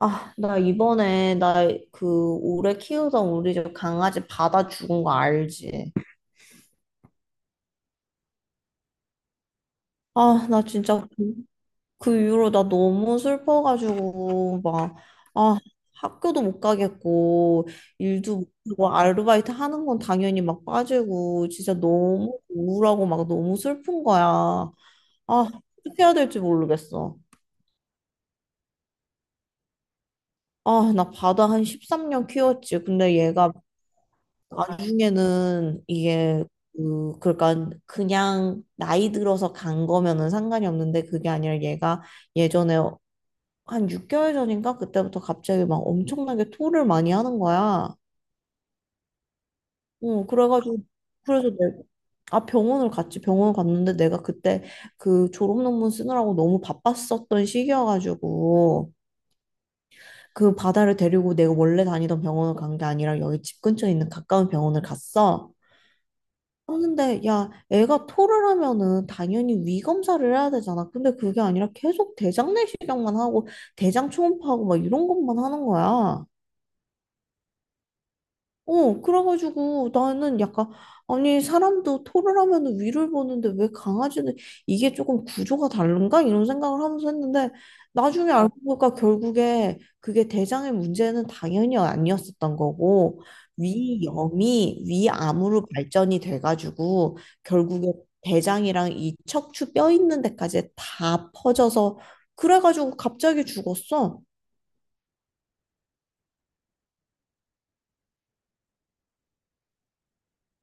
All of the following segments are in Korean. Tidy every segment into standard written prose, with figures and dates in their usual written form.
아, 나 이번에 나 그 오래 키우던 우리 집 강아지 받아 죽은 거 알지? 아, 나 진짜 그 이후로 나 너무 슬퍼가지고 막 아, 학교도 못 가겠고 일도 못 하고 아르바이트 하는 건 당연히 막 빠지고 진짜 너무 우울하고 막 너무 슬픈 거야. 아, 어떻게 해야 될지 모르겠어. 아, 나 바다 한 13년 키웠지. 근데 얘가 나중에는 이게 그 그러니까 그냥 나이 들어서 간 거면은 상관이 없는데 그게 아니라 얘가 예전에 한 6개월 전인가 그때부터 갑자기 막 엄청나게 토를 많이 하는 거야. 어 그래가지고 그래서 내가 아 병원을 갔지. 병원 갔는데 내가 그때 그 졸업 논문 쓰느라고 너무 바빴었던 시기여가지고 그 바다를 데리고 내가 원래 다니던 병원을 간 게 아니라 여기 집 근처에 있는 가까운 병원을 갔어. 근는데 야 애가 토를 하면은 당연히 위 검사를 해야 되잖아. 근데 그게 아니라 계속 대장 내시경만 하고 대장 초음파하고 막 이런 것만 하는 거야. 어, 그래가지고 나는 약간, 아니, 사람도 토를 하면 위를 보는데 왜 강아지는 이게 조금 구조가 다른가? 이런 생각을 하면서 했는데 나중에 어, 알고 보니까 결국에 그게 대장의 문제는 당연히 아니었었던 거고 위염이 위암으로 발전이 돼가지고 결국에 대장이랑 이 척추 뼈 있는 데까지 다 퍼져서 그래가지고 갑자기 죽었어.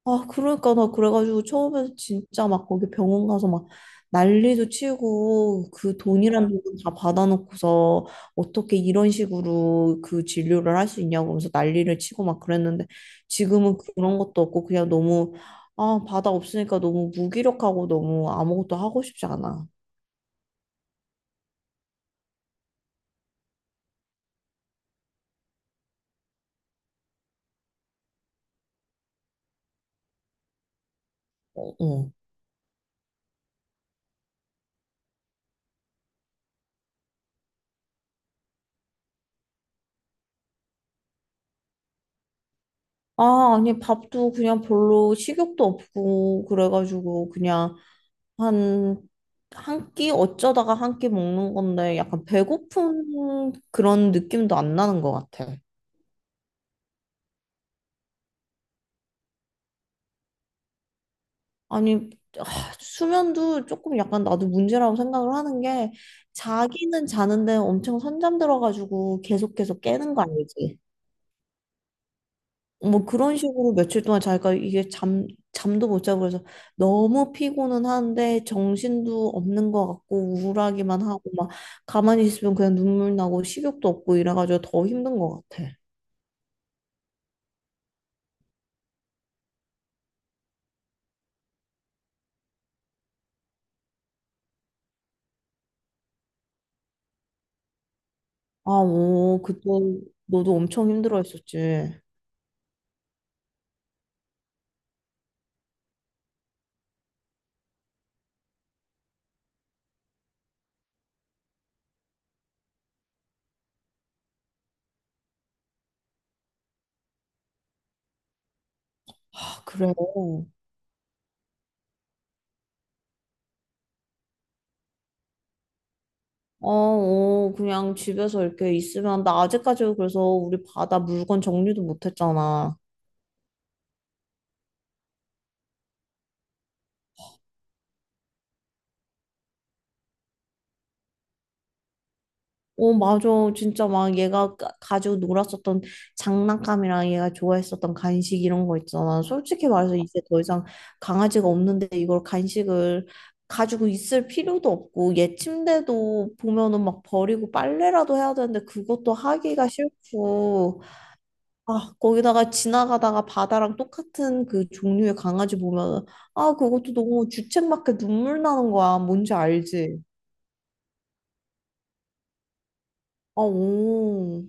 아, 그러니까 나 그래가지고 처음에 진짜 막 거기 병원 가서 막 난리도 치고 그 돈이란 응. 돈다 받아놓고서 어떻게 이런 식으로 그 진료를 할 수 있냐고 그러면서 난리를 치고 막 그랬는데 지금은 그런 것도 없고 그냥 너무 아, 바다 없으니까 너무 무기력하고 너무 아무것도 하고 싶지 않아. 어, 어. 아, 아니 밥도 그냥 별로 식욕도 없고 그래가지고 한, 한 끼, 어쩌다가 한 끼 먹는 건데 약간 배고픈 그런 느낌도 안 나는 것 같아. 아니, 아, 수면도 조금 약간 나도 문제라고 생각을 하는 게 자기는 자는데 엄청 선잠 들어가지고 계속 깨는 거 알지? 뭐 그런 식으로 며칠 동안 자기가 이게 잠도 못 자고 그래서 너무 피곤은 한데 정신도 없는 것 같고 우울하기만 하고 막 가만히 있으면 그냥 눈물 나고 식욕도 없고 이래가지고 더 힘든 것 같아. 아, 오, 그때 너도 엄청 힘들어 했었지. 아, 그래. 어, 어, 그냥 집에서 이렇게 있으면 나 아직까지 그래서 우리 바다 물건 정리도 못 했잖아. 어, 맞아. 진짜 막 가지고 놀았었던 장난감이랑 얘가 좋아했었던 간식 이런 거 있잖아. 솔직히 말해서 이제 더 이상 강아지가 없는데 이걸 간식을 가지고 있을 필요도 없고 얘 침대도 보면은 막 버리고 빨래라도 해야 되는데 그것도 하기가 싫고 아, 거기다가 지나가다가 바다랑 똑같은 그 종류의 강아지 보면, 아, 그것도 너무 주책맞게 눈물 나는 거야. 뭔지 알지? 아, 오.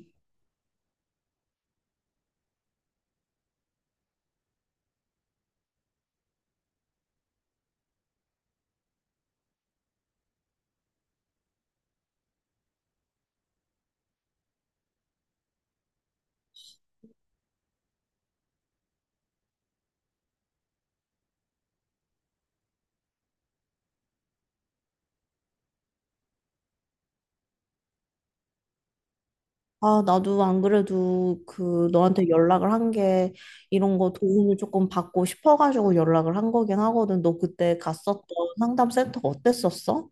아, 나도 안 그래도 그 너한테 연락을 한 게 이런 거 도움을 조금 받고 싶어가지고 연락을 한 거긴 하거든. 너 그때 갔었던 상담센터가 어땠었어?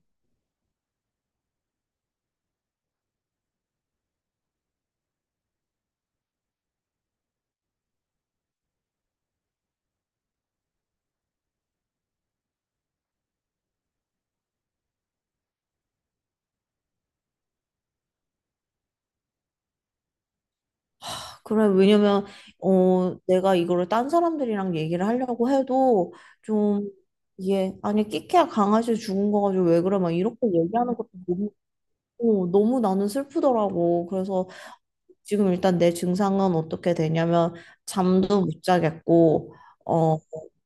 그래, 왜냐면, 어, 내가 이거를 딴 사람들이랑 얘기를 하려고 해도 좀, 이게, 아니, 끼케야 강아지 죽은 거 가지고 왜 그래? 막 이렇게 얘기하는 것도 너무, 어, 너무 나는 슬프더라고. 그래서 지금 일단 내 증상은 어떻게 되냐면 잠도 못 자겠고 어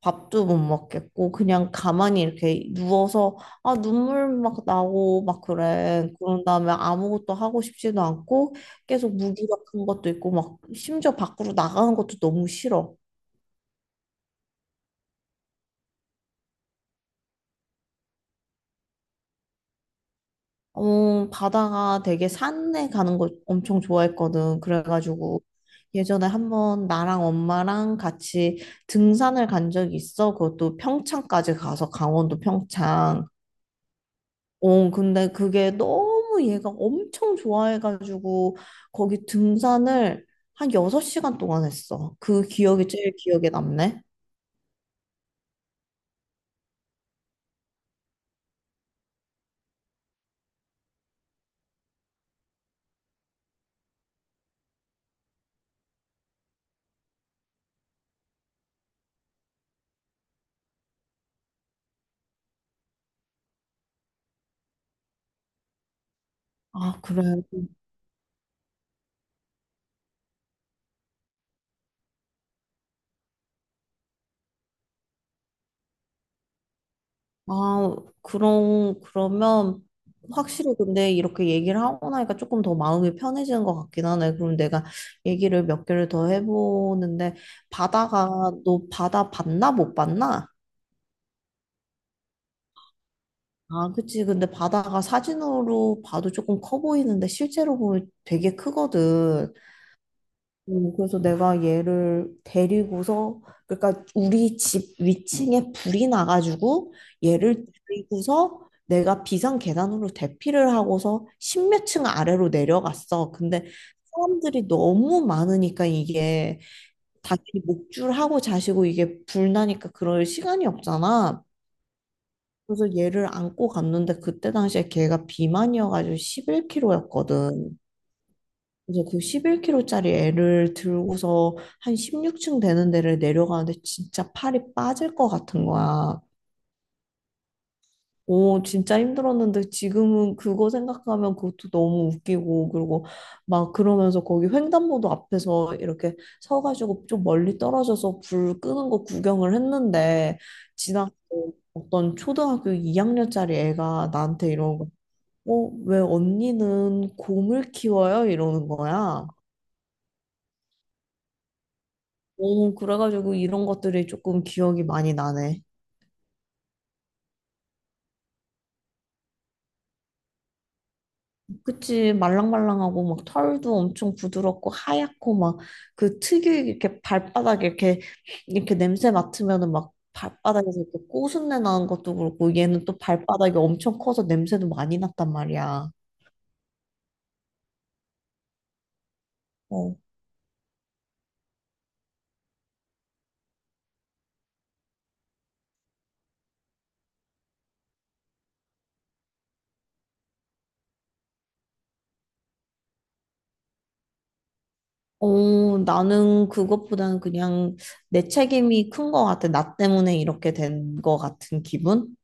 밥도 못 먹겠고 그냥 가만히 이렇게 누워서 아 눈물 막 나고 막 그래. 그런 다음에 아무것도 하고 싶지도 않고 계속 무기력한 것도 있고 막 심지어 밖으로 나가는 것도 너무 싫어. 어, 바다가 되게 산에 가는 거 엄청 좋아했거든. 그래가지고 예전에 한번 나랑 엄마랑 같이 등산을 간 적이 있어. 그것도 평창까지 가서 강원도 평창. 어, 근데 그게 너무 얘가 엄청 좋아해가지고 거기 등산을 한 6시간 동안 했어. 그 기억이 제일 기억에 남네. 아, 그래. 아, 그러면 확실히 근데 이렇게 얘기를 하고 나니까 조금 더 마음이 편해지는 것 같긴 하네. 그럼 내가 얘기를 몇 개를 더 해보는데, 바다가, 너 바다 봤나? 못 봤나? 아, 그치. 근데 바다가 사진으로 봐도 조금 커 보이는데, 실제로 보면 되게 크거든. 그래서 내가 얘를 데리고서 그러니까 우리 집 위층에 불이 나가지고 얘를 데리고서 내가 비상 계단으로 대피를 하고서 십몇 층 아래로 내려갔어. 근데 사람들이 너무 많으니까 이게 당연히 목줄하고 자시고 이게 불 나니까 그럴 시간이 없잖아. 그래서 얘를 안고 갔는데 그때 당시에 걔가 비만이어가지고 11kg였거든. 그래서 그 11kg짜리 애를 들고서 한 16층 되는 데를 내려가는데 진짜 팔이 빠질 것 같은 거야. 오, 진짜 힘들었는데 지금은 그거 생각하면 그것도 너무 웃기고 그리고 막 그러면서 거기 횡단보도 앞에서 이렇게 서가지고 좀 멀리 떨어져서 불 끄는 거 구경을 했는데 지나가 어떤 초등학교 2학년짜리 애가 나한테 이러는 거, 어, 왜 언니는 곰을 키워요? 이러는 거야. 오, 그래가지고 이런 것들이 조금 기억이 많이 나네. 그치, 말랑말랑하고 막 털도 엄청 부드럽고 하얗고 막 그 특유의 이렇게 발바닥에 이렇게 냄새 맡으면은 막 발바닥에서 이렇게 꼬순내 나는 것도 그렇고 얘는 또 발바닥이 엄청 커서 냄새도 많이 났단 말이야. 어. 어, 나는 그것보다는 그냥 내 책임이 큰 것 같아. 나 때문에 이렇게 된 것 같은 기분?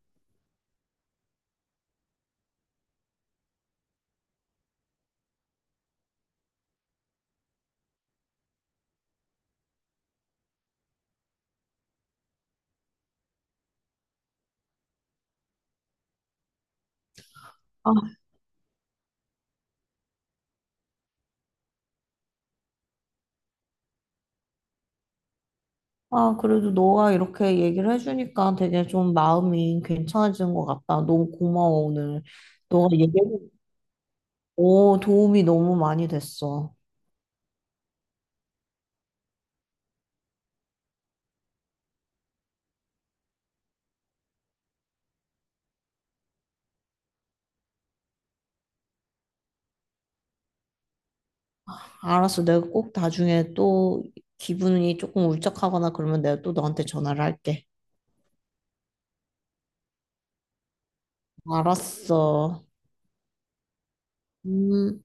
아, 그래도 너가 이렇게 얘기를 해주니까 되게 좀 마음이 괜찮아지는 것 같다. 너무 고마워, 오늘. 너가 얘기해, 오, 도움이 너무 많이 됐어. 알았어. 내가 꼭 나중에 또 기분이 조금 울적하거나 그러면 내가 또 너한테 전화를 할게. 알았어. 음.